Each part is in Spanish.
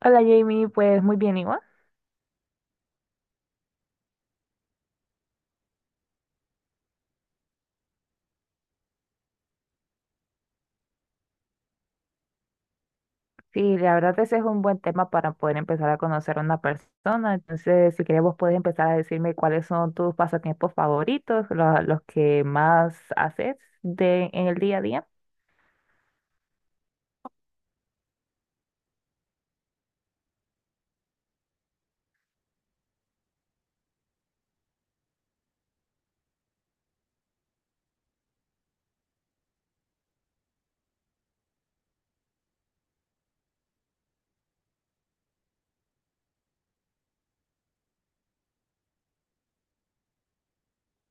Hola Jamie, pues muy bien igual. Sí, la verdad ese es un buen tema para poder empezar a conocer a una persona. Entonces, si querés vos puedes empezar a decirme cuáles son tus pasatiempos favoritos, los que más haces en el día a día.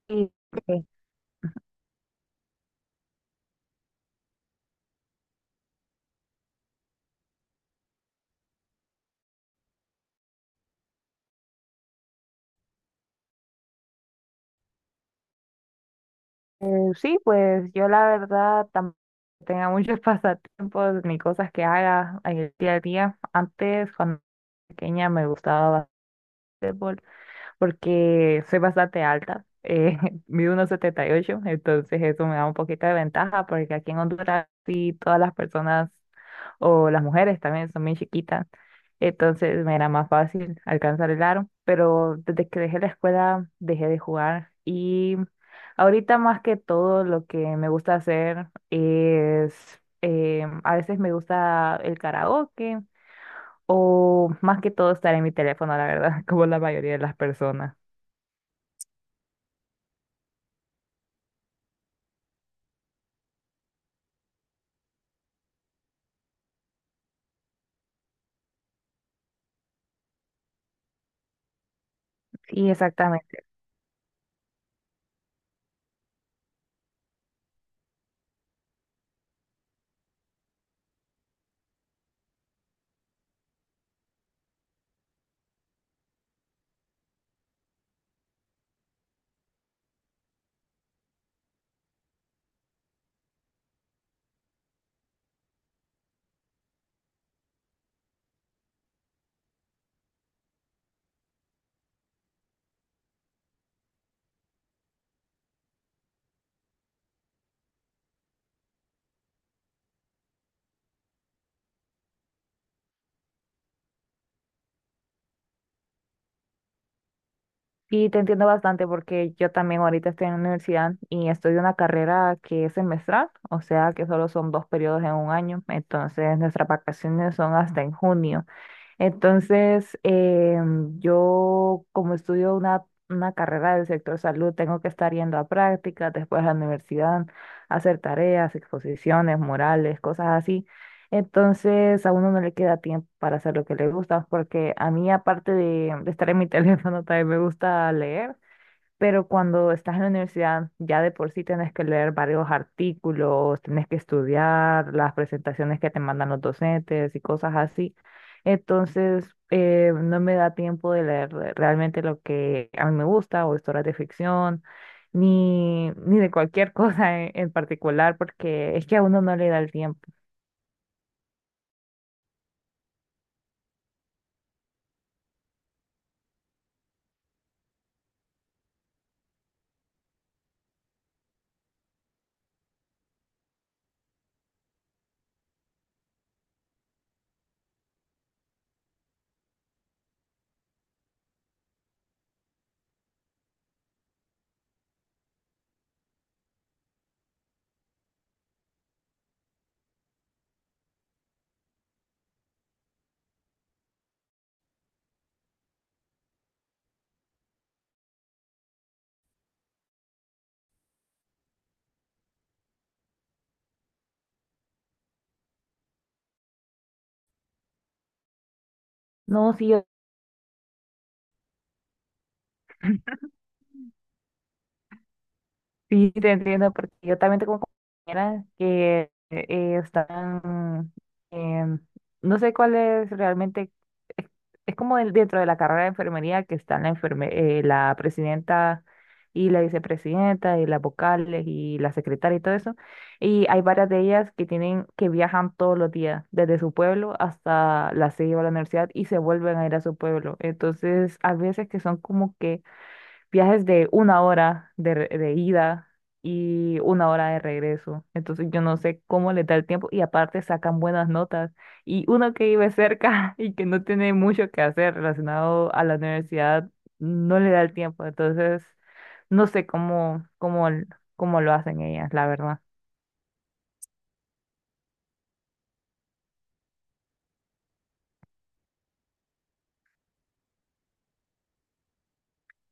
Y eh, sí, pues yo la verdad tampoco tengo muchos pasatiempos ni cosas que haga en el día a día. Antes, cuando era pequeña, me gustaba básquetbol, porque soy bastante alta, mido unos ocho, entonces eso me da un poquito de ventaja porque aquí en Honduras sí todas las personas o las mujeres también son muy chiquitas, entonces me era más fácil alcanzar el aro, pero desde que dejé la escuela dejé de jugar y ahorita más que todo lo que me gusta hacer es, a veces me gusta el karaoke. O más que todo estar en mi teléfono, la verdad, como la mayoría de las personas. Sí, exactamente. Y te entiendo bastante porque yo también ahorita estoy en la universidad y estudio una carrera que es semestral, o sea que solo son dos periodos en un año, entonces nuestras vacaciones son hasta en junio. Entonces, yo como estudio una carrera del sector salud, tengo que estar yendo a prácticas, después a la universidad, a hacer tareas, exposiciones, morales, cosas así. Entonces, a uno no le queda tiempo para hacer lo que le gusta, porque a mí, aparte de estar en mi teléfono, también me gusta leer. Pero cuando estás en la universidad, ya de por sí tenés que leer varios artículos, tenés que estudiar las presentaciones que te mandan los docentes y cosas así. Entonces, no me da tiempo de leer realmente lo que a mí me gusta, o historias de ficción, ni de cualquier cosa en particular, porque es que a uno no le da el tiempo. No, sí, yo. Sí, te entiendo, porque yo también tengo compañeras que están, em, no sé cuál es realmente, es, es como dentro de la carrera de enfermería que están la, la presidenta y la vicepresidenta y las vocales y la secretaria y todo eso. Y hay varias de ellas que tienen, que viajan todos los días, desde su pueblo hasta la sede o la universidad y se vuelven a ir a su pueblo. Entonces, a veces que son como que viajes de una hora de, de ida y una hora de regreso. Entonces yo no sé cómo les da el tiempo y aparte sacan buenas notas. Y uno que vive cerca y que no tiene mucho que hacer relacionado a la universidad, no le da el tiempo. Entonces no sé cómo lo hacen ellas, la verdad.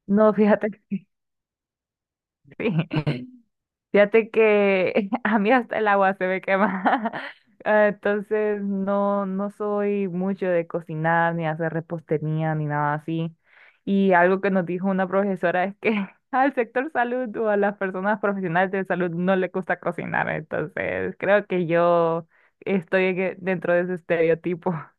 No, fíjate que sí. Fíjate que a mí hasta el agua se me quema. Ah, entonces no, no soy mucho de cocinar, ni hacer repostería, ni nada así. Y algo que nos dijo una profesora es que al sector salud o a las personas profesionales de salud no le gusta cocinar. Entonces creo que yo estoy en dentro de ese estereotipo.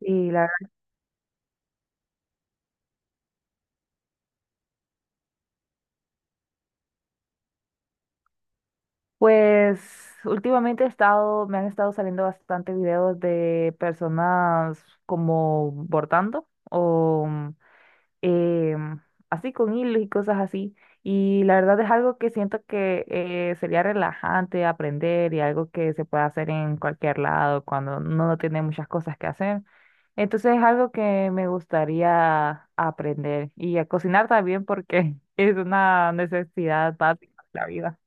Y la Pues últimamente he estado, me han estado saliendo bastante videos de personas como bordando o em, así con hilos y cosas así. Y la verdad es algo que siento que sería relajante aprender y algo que se puede hacer en cualquier lado cuando uno no tiene muchas cosas que hacer. Entonces es algo que me gustaría aprender y a cocinar también porque es una necesidad básica de la vida.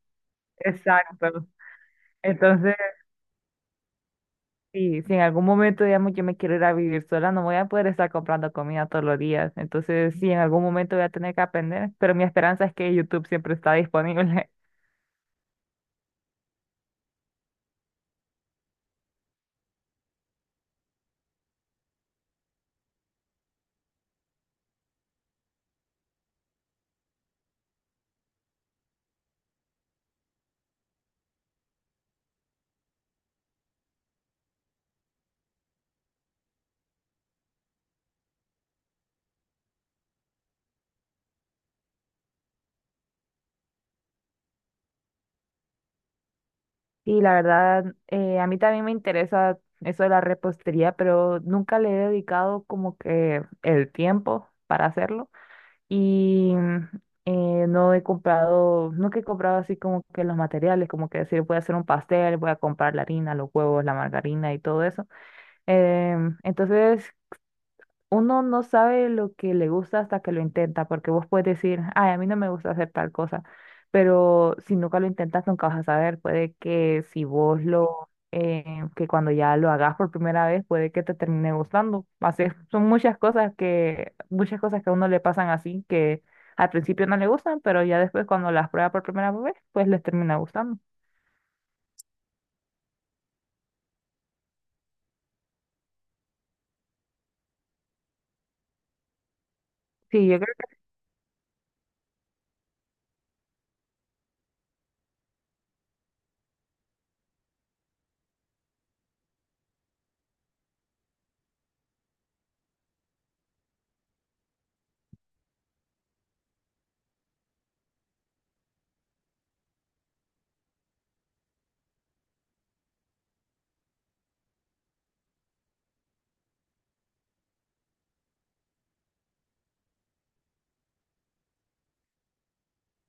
Exacto. Entonces, si, si en algún momento, digamos, yo me quiero ir a vivir sola, no voy a poder estar comprando comida todos los días. Entonces, sí, en algún momento voy a tener que aprender, pero mi esperanza es que YouTube siempre está disponible. Y la verdad, a mí también me interesa eso de la repostería, pero nunca le he dedicado como que el tiempo para hacerlo. Y no he comprado, nunca he comprado así como que los materiales, como que decir, voy a hacer un pastel, voy a comprar la harina, los huevos, la margarina y todo eso. Entonces, uno no sabe lo que le gusta hasta que lo intenta, porque vos puedes decir, ay, a mí no me gusta hacer tal cosa, pero si nunca lo intentas, nunca vas a saber. Puede que si vos lo, que cuando ya lo hagas por primera vez, puede que te termine gustando. Así es, son muchas cosas que a uno le pasan así, que al principio no le gustan, pero ya después cuando las prueba por primera vez, pues les termina gustando. Sí, yo creo.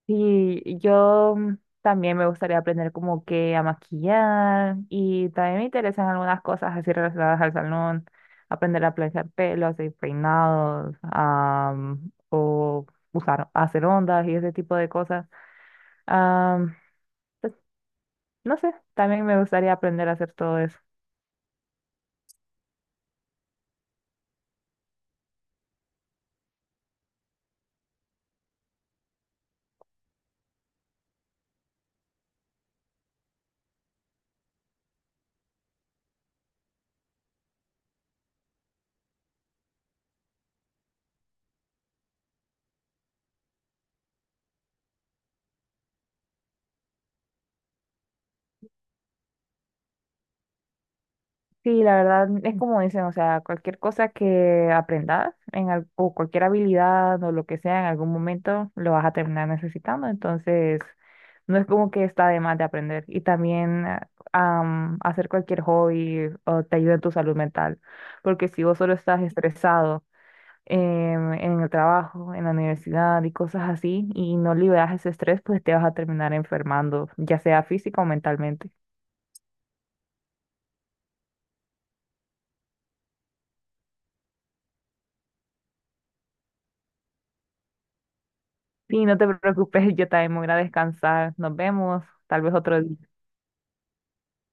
Sí, yo también me gustaría aprender como que a maquillar y también me interesan algunas cosas así relacionadas al salón, aprender a planchar pelos y peinados, o usar, hacer ondas y ese tipo de cosas. Am, pues, no sé, también me gustaría aprender a hacer todo eso. Sí, la verdad es como dicen, o sea, cualquier cosa que aprendas en o cualquier habilidad o lo que sea, en algún momento lo vas a terminar necesitando. Entonces, no es como que está de más de aprender. Y también hacer cualquier hobby o te ayuda en tu salud mental. Porque si vos solo estás estresado en el trabajo, en la universidad y cosas así, y no liberas ese estrés, pues te vas a terminar enfermando, ya sea física o mentalmente. Sí, no te preocupes, yo también me voy a ir a descansar. Nos vemos, tal vez otro día.